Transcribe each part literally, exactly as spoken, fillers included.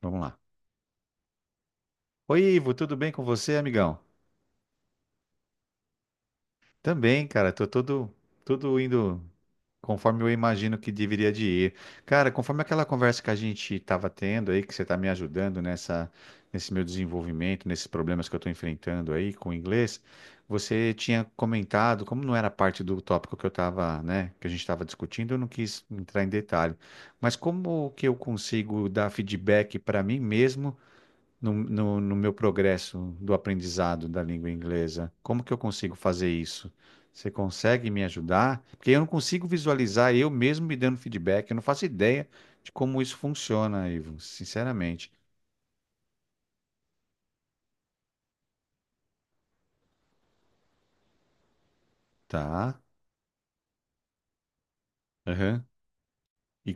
Vamos lá. Oi, Ivo, tudo bem com você, amigão? Também, cara, tô todo, tudo indo conforme eu imagino que deveria de ir. Cara, conforme aquela conversa que a gente tava tendo aí, que você tá me ajudando nessa, nesse meu desenvolvimento, nesses problemas que eu tô enfrentando aí com o inglês, você tinha comentado, como não era parte do tópico que eu tava, né, que a gente tava discutindo, eu não quis entrar em detalhe. Mas como que eu consigo dar feedback para mim mesmo no, no, no meu progresso do aprendizado da língua inglesa? Como que eu consigo fazer isso? Você consegue me ajudar? Porque eu não consigo visualizar eu mesmo me dando feedback. Eu não faço ideia de como isso funciona, Ivo, sinceramente. Tá? Aham. E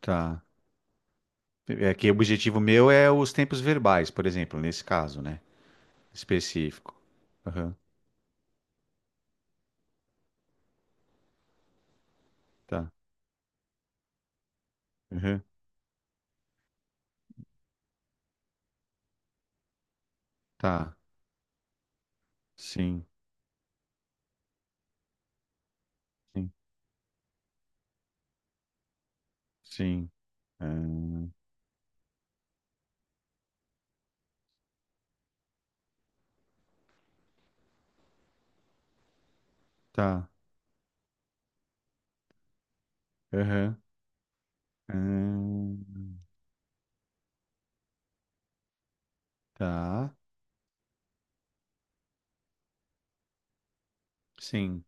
tá. É que o objetivo meu é os tempos verbais, por exemplo, nesse caso, né? Específico. Aham. Tá. Aham. Tá. Sim. Sim. Sim. Ahn, tá. Aham. Ahn. Tá. Sim.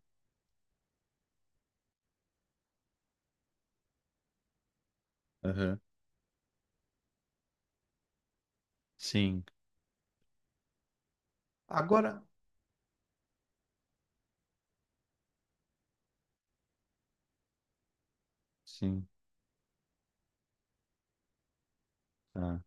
Aham. Sim. Agora, sim. Tá.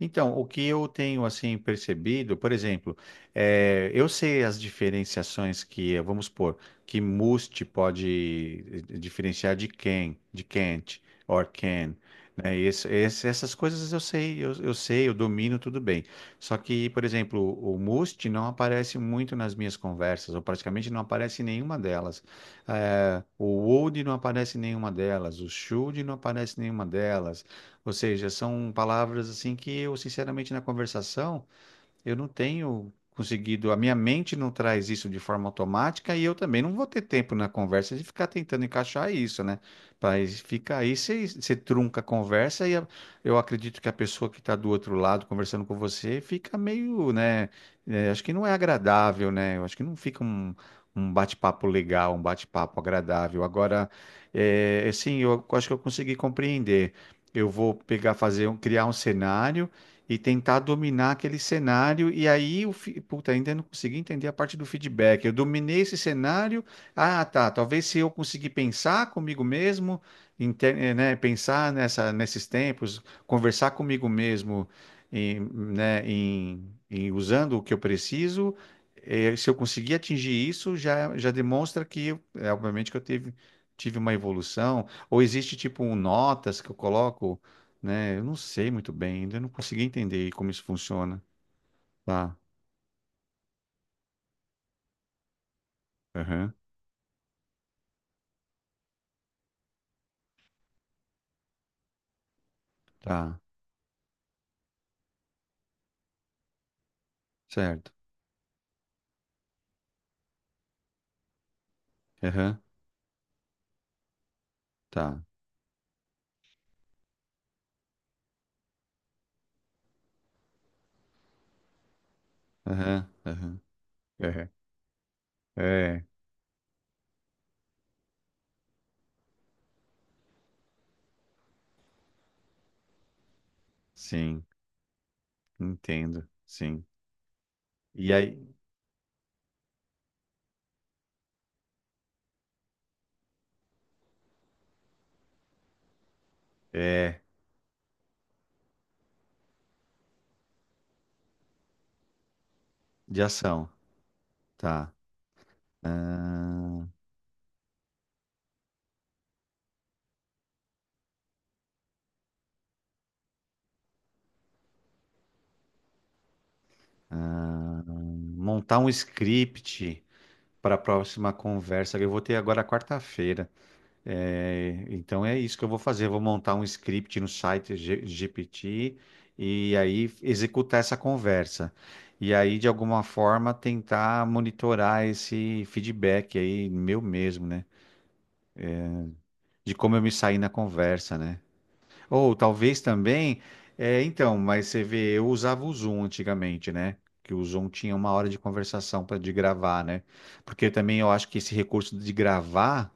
Então, o que eu tenho assim percebido, por exemplo, eh, eu sei as diferenciações que, eh, vamos supor, que must pode eh, diferenciar de can, de can't, or can, né? E esse- esse- essas coisas eu sei, eu, eu sei, eu domino tudo bem. Só que, por exemplo, o must não aparece muito nas minhas conversas, ou praticamente não aparece em nenhuma delas. Eh, o would não aparece em nenhuma delas, o should não aparece em nenhuma delas. Ou seja, são palavras assim que eu, sinceramente, na conversação, eu não tenho conseguido, a minha mente não traz isso de forma automática e eu também não vou ter tempo na conversa de ficar tentando encaixar isso, né? Mas fica aí, você você trunca a conversa e a- eu acredito que a pessoa que está do outro lado conversando com você fica meio, né? É, acho que não é agradável, né? Eu acho que não fica um, um bate-papo legal, um bate-papo agradável. Agora, é, assim, eu acho que eu consegui compreender. Eu vou pegar, fazer um, criar um cenário e tentar dominar aquele cenário. E aí, o fi- puta, ainda não consegui entender a parte do feedback. Eu dominei esse cenário. Ah, tá. Talvez se eu conseguir pensar comigo mesmo, inte- eh, né, pensar nessa, nesses tempos, conversar comigo mesmo, em, né, em, em usando o que eu preciso. Eh, se eu conseguir atingir isso, já, já demonstra que, eu- é, obviamente, que eu teve, tive uma evolução. Ou existe tipo um notas que eu coloco, né? Eu não sei muito bem, ainda não consegui entender como isso funciona. Tá, aham, tá, certo. Aham, tá, aham, aham, aham. É, sim, entendo, sim. E aí, é, de ação, tá. Montar um script para a próxima conversa. Que eu vou ter agora quarta-feira. É, então é isso que eu vou fazer. Eu vou montar um script no site G- GPT e aí executar essa conversa. E aí, de alguma forma, tentar monitorar esse feedback aí, meu mesmo, né? De como eu me saí na conversa, né? Ou talvez também, é, então, mas você vê, eu usava o Zoom antigamente, né? Que o Zoom tinha uma hora de conversação para de gravar, né? Porque também eu acho que esse recurso de gravar.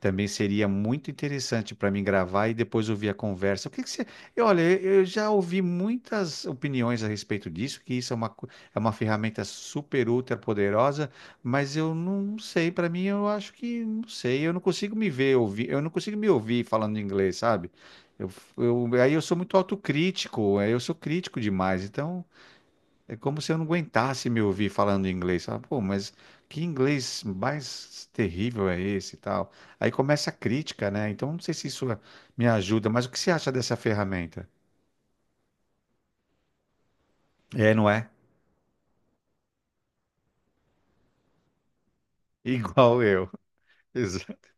Também seria muito interessante para mim gravar e depois ouvir a conversa. O que que você... eu, olha, eu eu já ouvi muitas opiniões a respeito disso, que isso é uma, co- é uma ferramenta super ultra poderosa, mas eu não sei. Para mim, eu acho que não sei. Eu não consigo me ver ouvir. Eu não consigo me ouvir falando inglês, sabe? Eu, eu- aí eu sou muito autocrítico. Aí eu sou crítico demais. Então é como se eu não aguentasse me ouvir falando inglês. Fala, pô, mas que inglês mais terrível é esse e tal? Aí começa a crítica, né? Então não sei se isso me ajuda, mas o que você acha dessa ferramenta? É, não é? Igual eu. Exato.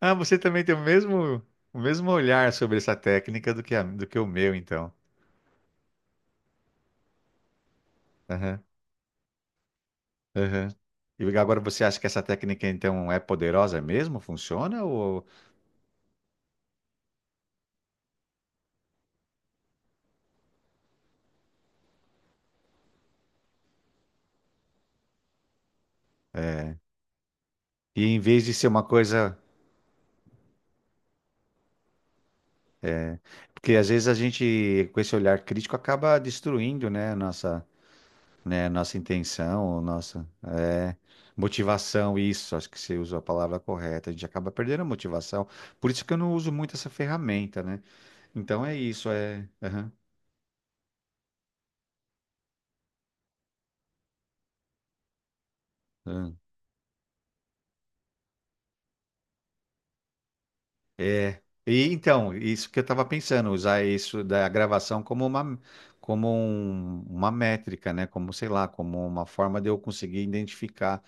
Ah, você também tem o mesmo, o mesmo olhar sobre essa técnica do que, a- do que o meu, então. Aham, aham. E agora você acha que essa técnica, então, é poderosa mesmo? Funciona? Ou... E em vez de ser uma coisa. Porque às vezes a gente, com esse olhar crítico, acaba destruindo, né, a nossa, né, a nossa intenção, a nossa, é, motivação, isso, acho que você usou a palavra correta, a gente acaba perdendo a motivação. Por isso que eu não uso muito essa ferramenta, né? Então é isso, é. Aham, aham. É. E então, isso que eu estava pensando, usar isso da gravação como uma, como um- uma métrica, né? Como, sei lá, como uma forma de eu conseguir identificar.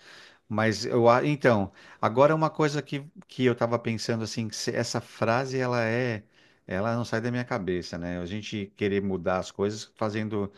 Mas eu, a- então, agora uma coisa que, que eu estava pensando assim, que se- essa frase ela é, ela não sai da minha cabeça, né? A gente querer mudar as coisas fazendo,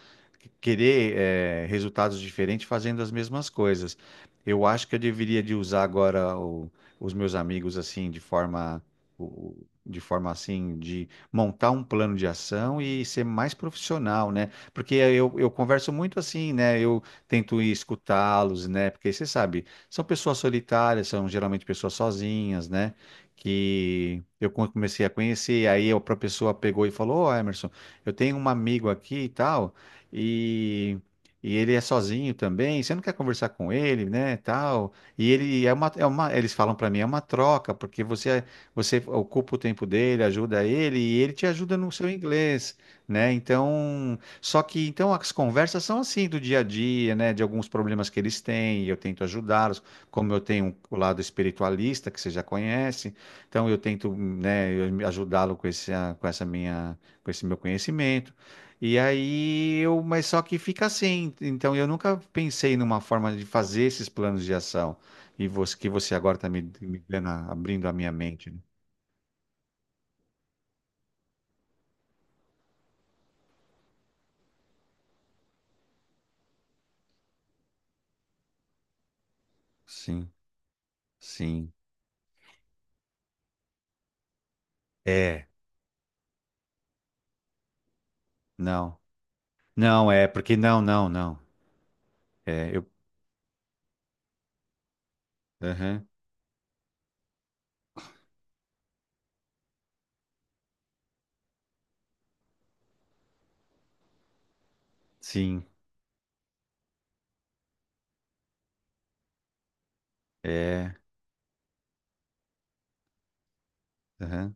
querer eh, resultados diferentes fazendo as mesmas coisas. Eu acho que eu deveria de usar agora o- os meus amigos assim de forma o- de forma assim, de montar um plano de ação e ser mais profissional, né? Porque eu, eu converso muito assim, né? Eu tento ir escutá-los, né? Porque você sabe, são pessoas solitárias, são geralmente pessoas sozinhas, né? Que eu co- comecei a conhecer, aí a própria pessoa pegou e falou: Ô, Emerson, eu tenho um amigo aqui e tal, e. E ele é sozinho também, você não quer conversar com ele, né, tal. E ele é uma, é uma, eles falam para mim, é uma troca, porque você você ocupa o tempo dele, ajuda ele e ele te ajuda no seu inglês, né? Então, só que então as conversas são assim do dia a dia, né? De alguns problemas que eles têm, e eu tento ajudá-los, como eu tenho o lado espiritualista que você já conhece, então eu tento, né, eu ajudá-lo com esse, ah, com essa minha, com esse meu conhecimento. E aí eu, mas só que fica assim. Então eu nunca pensei numa forma de fazer esses planos de ação. E você, que você agora está me, me dando a- abrindo a minha mente, né? Sim, sim. É, não. Não, é, porque não, não, não. É, eu. Aham, sim, é. Aham.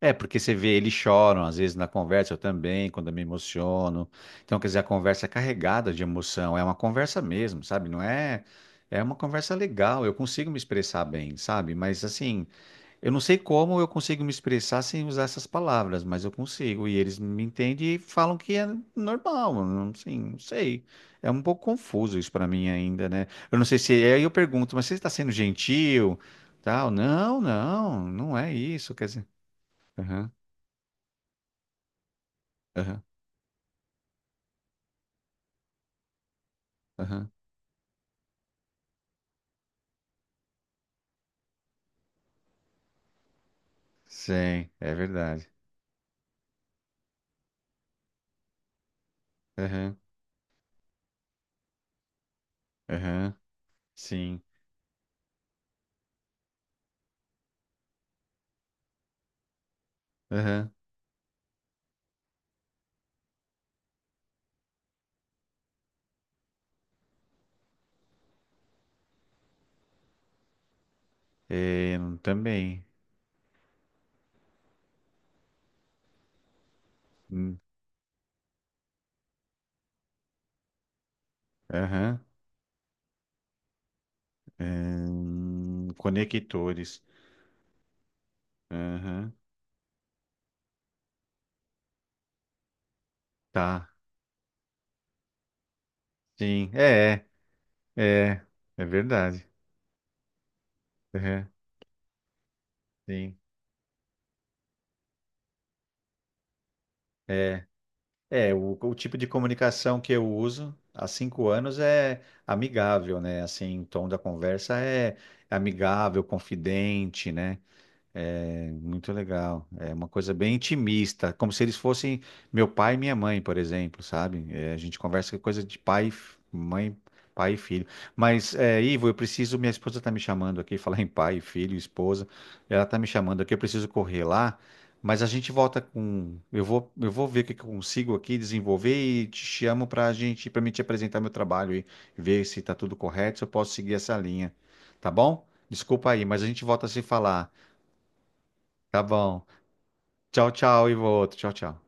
É, porque você vê, eles choram, às vezes na conversa eu também, quando eu me emociono. Então, quer dizer, a conversa é carregada de emoção, é uma conversa mesmo, sabe? Não é. É uma conversa legal, eu consigo me expressar bem, sabe? Mas assim. Eu não sei como eu consigo me expressar sem usar essas palavras, mas eu consigo. E eles me entendem e falam que é normal. Não, assim, não sei. É um pouco confuso isso pra mim ainda, né? Eu não sei se. Aí eu pergunto, mas você está sendo gentil? Tal? Não, não, não é isso. Quer dizer. Aham, aham, aham. Sim, é verdade. Aham, aham, sim. Aham, é, também. Hum, Aham, hum, conectores. Aham, tá. Sim, é, é, é é verdade. Uhum, sim, é, é o, o tipo de comunicação que eu uso há cinco anos é amigável, né? Assim, o tom da conversa é amigável, confidente, né? É muito legal. É uma coisa bem intimista, como se eles fossem meu pai e minha mãe, por exemplo, sabe? É, a gente conversa que é coisa de pai, e f- mãe, pai e filho. Mas, é, Ivo, eu preciso. Minha esposa está me chamando aqui, falar em pai, filho, esposa. Ela está me chamando aqui, eu preciso correr lá. Mas a gente volta com. Eu vou, eu vou ver o que que eu consigo aqui desenvolver e te chamo para a gente, para me te apresentar meu trabalho e ver se está tudo correto, se eu posso seguir essa linha, tá bom? Desculpa aí, mas a gente volta a se falar. Tá bom. Tchau, tchau, Ivo. Tchau, tchau.